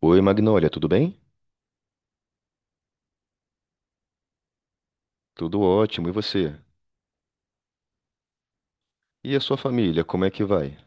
Oi, Magnólia, tudo bem? Tudo ótimo, e você? E a sua família, como é que vai?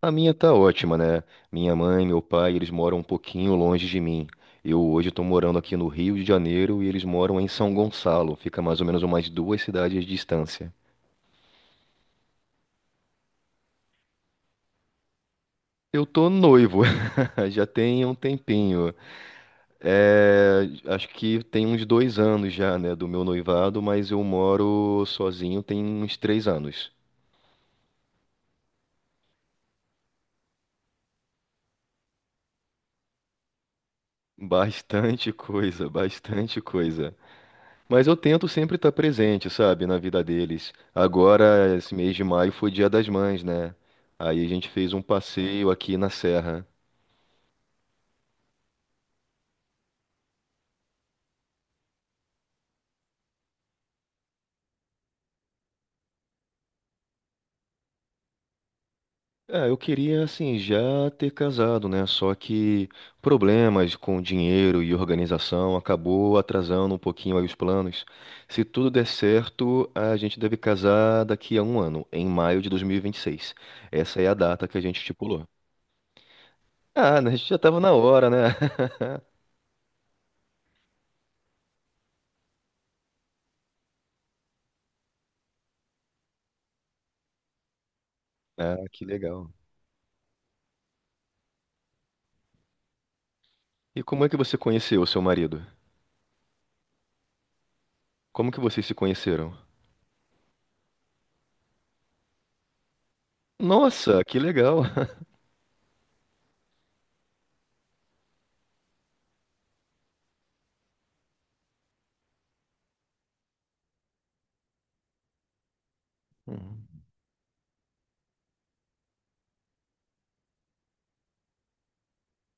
A minha tá ótima, né? Minha mãe, meu pai, eles moram um pouquinho longe de mim. Eu hoje tô morando aqui no Rio de Janeiro e eles moram em São Gonçalo, fica mais ou menos umas duas cidades de distância. Eu tô noivo, já tem um tempinho. É, acho que tem uns 2 anos já, né, do meu noivado, mas eu moro sozinho tem uns 3 anos. Bastante coisa, bastante coisa. Mas eu tento sempre estar presente, sabe, na vida deles. Agora, esse mês de maio foi Dia das Mães, né? Aí a gente fez um passeio aqui na serra. É, eu queria, assim, já ter casado, né? Só que problemas com dinheiro e organização acabou atrasando um pouquinho aí os planos. Se tudo der certo, a gente deve casar daqui a um ano, em maio de 2026. Essa é a data que a gente estipulou. Ah, né? A gente já tava na hora, né? Ah, que legal. E como é que você conheceu o seu marido? Como que vocês se conheceram? Nossa, que legal. Uhum.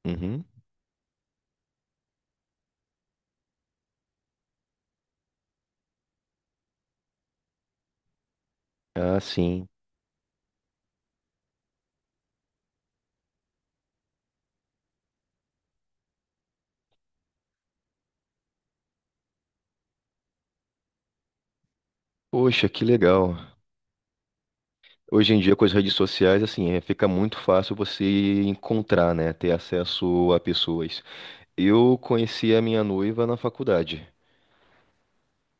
Uhum. Ah, sim. Poxa, que legal. Hoje em dia, com as redes sociais, assim, é, fica muito fácil você encontrar, né? Ter acesso a pessoas. Eu conheci a minha noiva na faculdade.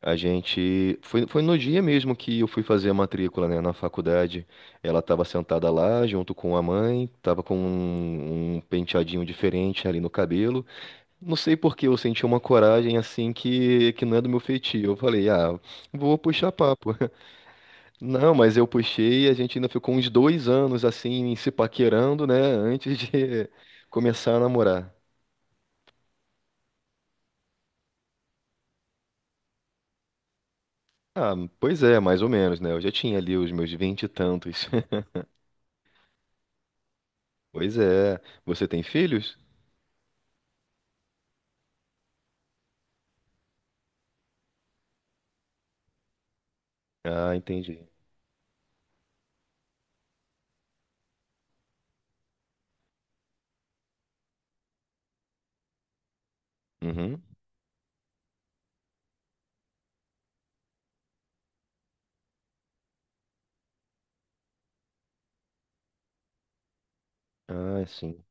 A gente. Foi no dia mesmo que eu fui fazer a matrícula, né? Na faculdade. Ela estava sentada lá, junto com a mãe, estava com um penteadinho diferente ali no cabelo. Não sei por que eu senti uma coragem assim que não é do meu feitio. Eu falei, ah, vou puxar papo. Não, mas eu puxei e a gente ainda ficou uns 2 anos assim, se paquerando, né, antes de começar a namorar. Ah, pois é, mais ou menos, né? Eu já tinha ali os meus vinte e tantos. Pois é. Você tem filhos? Ah, entendi. Uhum. Ah, sim.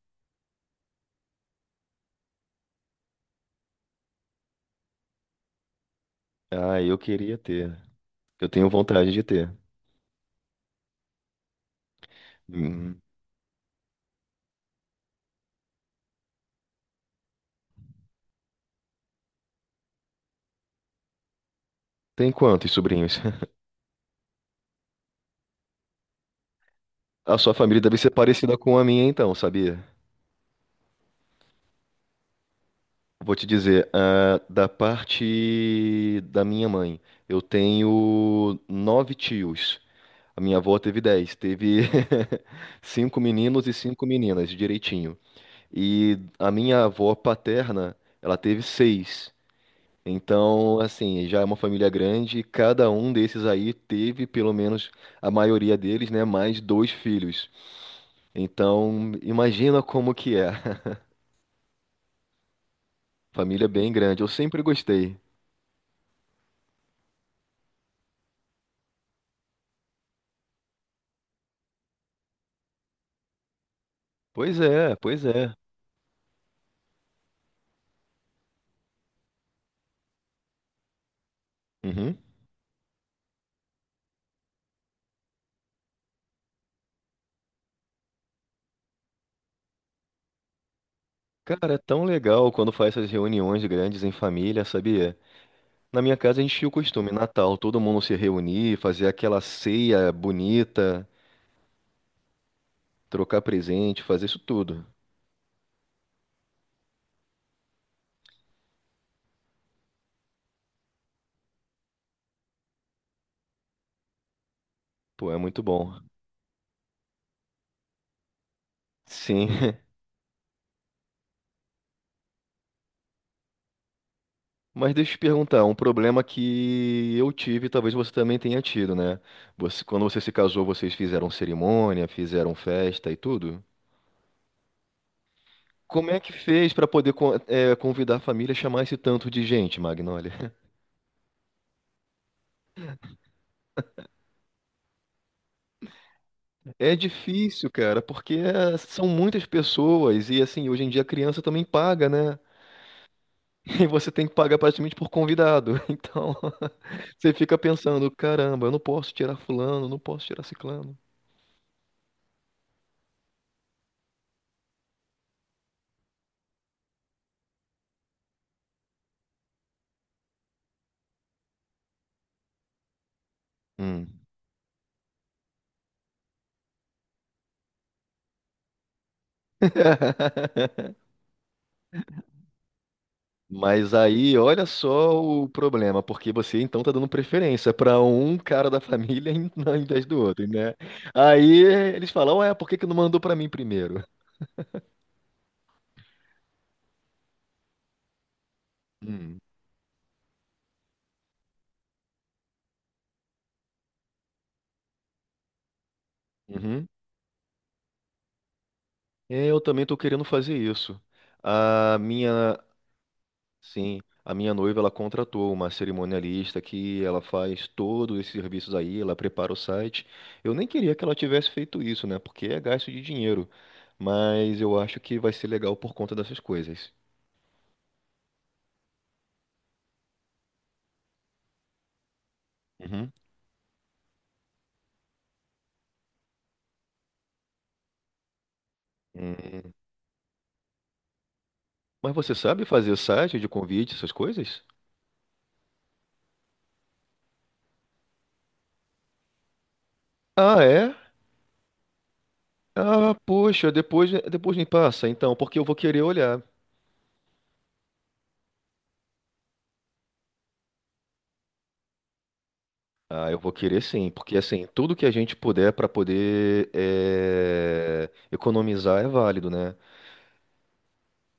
Ah, eu queria ter. Eu tenho vontade de ter. Uhum. Tem quantos sobrinhos? A sua família deve ser parecida com a minha, então, sabia? Vou te dizer, ah, da parte da minha mãe, eu tenho 9 tios. A minha avó teve 10, teve cinco meninos e cinco meninas, direitinho. E a minha avó paterna, ela teve seis. Então, assim, já é uma família grande. E cada um desses aí teve, pelo menos a maioria deles, né, mais dois filhos. Então, imagina como que é. Família bem grande. Eu sempre gostei. Pois é, pois é. Uhum. Cara, é tão legal quando faz essas reuniões grandes em família, sabia? Na minha casa a gente tinha o costume, Natal, todo mundo se reunir, fazer aquela ceia bonita, trocar presente, fazer isso tudo. Pô, é muito bom. Sim. Mas deixa eu te perguntar, um problema que eu tive, talvez você também tenha tido, né? Você- quando você se casou, vocês fizeram cerimônia, fizeram festa e tudo? Tudo. Como é que fez pra poder co- convidar a família a chamar esse tanto de gente, Magnolia? É difícil, cara, porque é, são muitas pessoas e assim, hoje em dia a criança também paga, né? E você tem que pagar praticamente por convidado. Então, você fica pensando, caramba, eu não posso tirar fulano, não posso tirar ciclano. Hum. Mas aí, olha só o problema, porque você então tá dando preferência pra um cara da família em- ao invés do outro, né? Aí eles falam, ué, por que que não mandou pra mim primeiro? Hum. É, eu também tô querendo fazer isso. A minha, sim, a minha noiva ela contratou uma cerimonialista que ela faz todos esses serviços aí, ela prepara o site. Eu nem queria que ela tivesse feito isso, né? Porque é gasto de dinheiro. Mas eu acho que vai ser legal por conta dessas coisas. Uhum. Hum. Mas você sabe fazer site de convite, essas coisas? Ah, é? Ah, poxa, depois me passa, então, porque eu vou querer olhar. Ah, eu vou querer sim, porque assim, tudo que a gente puder para poder economizar é válido, né?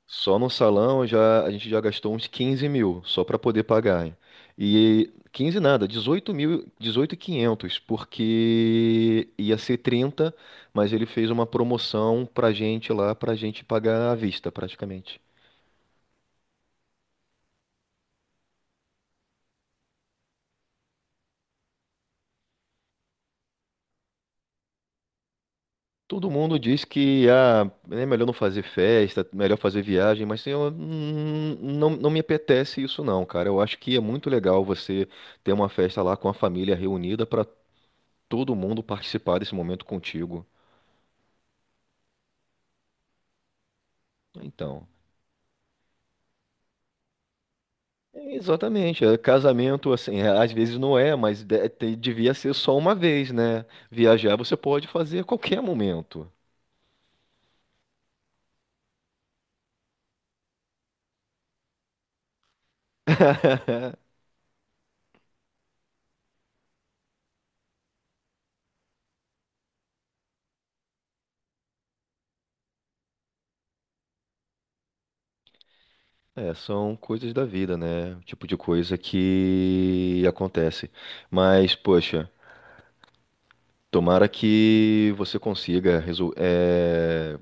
Só no salão já a gente já gastou uns 15 mil só para poder pagar. E 15 nada, 18 mil, 18.500, porque ia ser 30, mas ele fez uma promoção pra gente lá, pra gente pagar à vista praticamente. Todo mundo diz que ah, é melhor não fazer festa, melhor fazer viagem, mas eu não, não me apetece isso não, cara. Eu acho que é muito legal você ter uma festa lá com a família reunida para todo mundo participar desse momento contigo. Então, é exatamente. É, casamento, assim, é, às vezes não é, mas de- te- devia ser só uma vez, né? Viajar você pode fazer a qualquer momento. É, são coisas da vida, né? Tipo de coisa que acontece. Mas, poxa. Tomara que você consiga resol-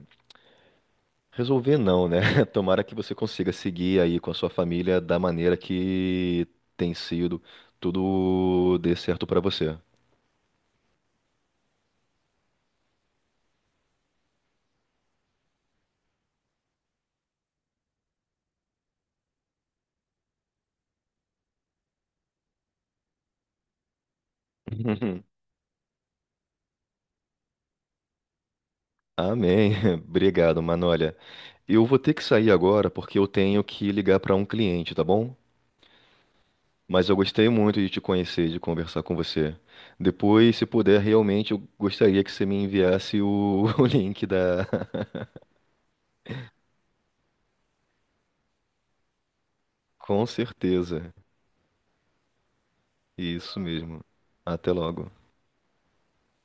resolver, não, né? Tomara que você consiga seguir aí com a sua família da maneira que tem sido, tudo dê certo pra você. Amém. Obrigado, mano. Olha, eu vou ter que sair agora porque eu tenho que ligar para um cliente, tá bom? Mas eu gostei muito de te conhecer, de conversar com você. Depois, se puder, realmente eu gostaria que você me enviasse o o link da. Com certeza. Isso mesmo. Até logo.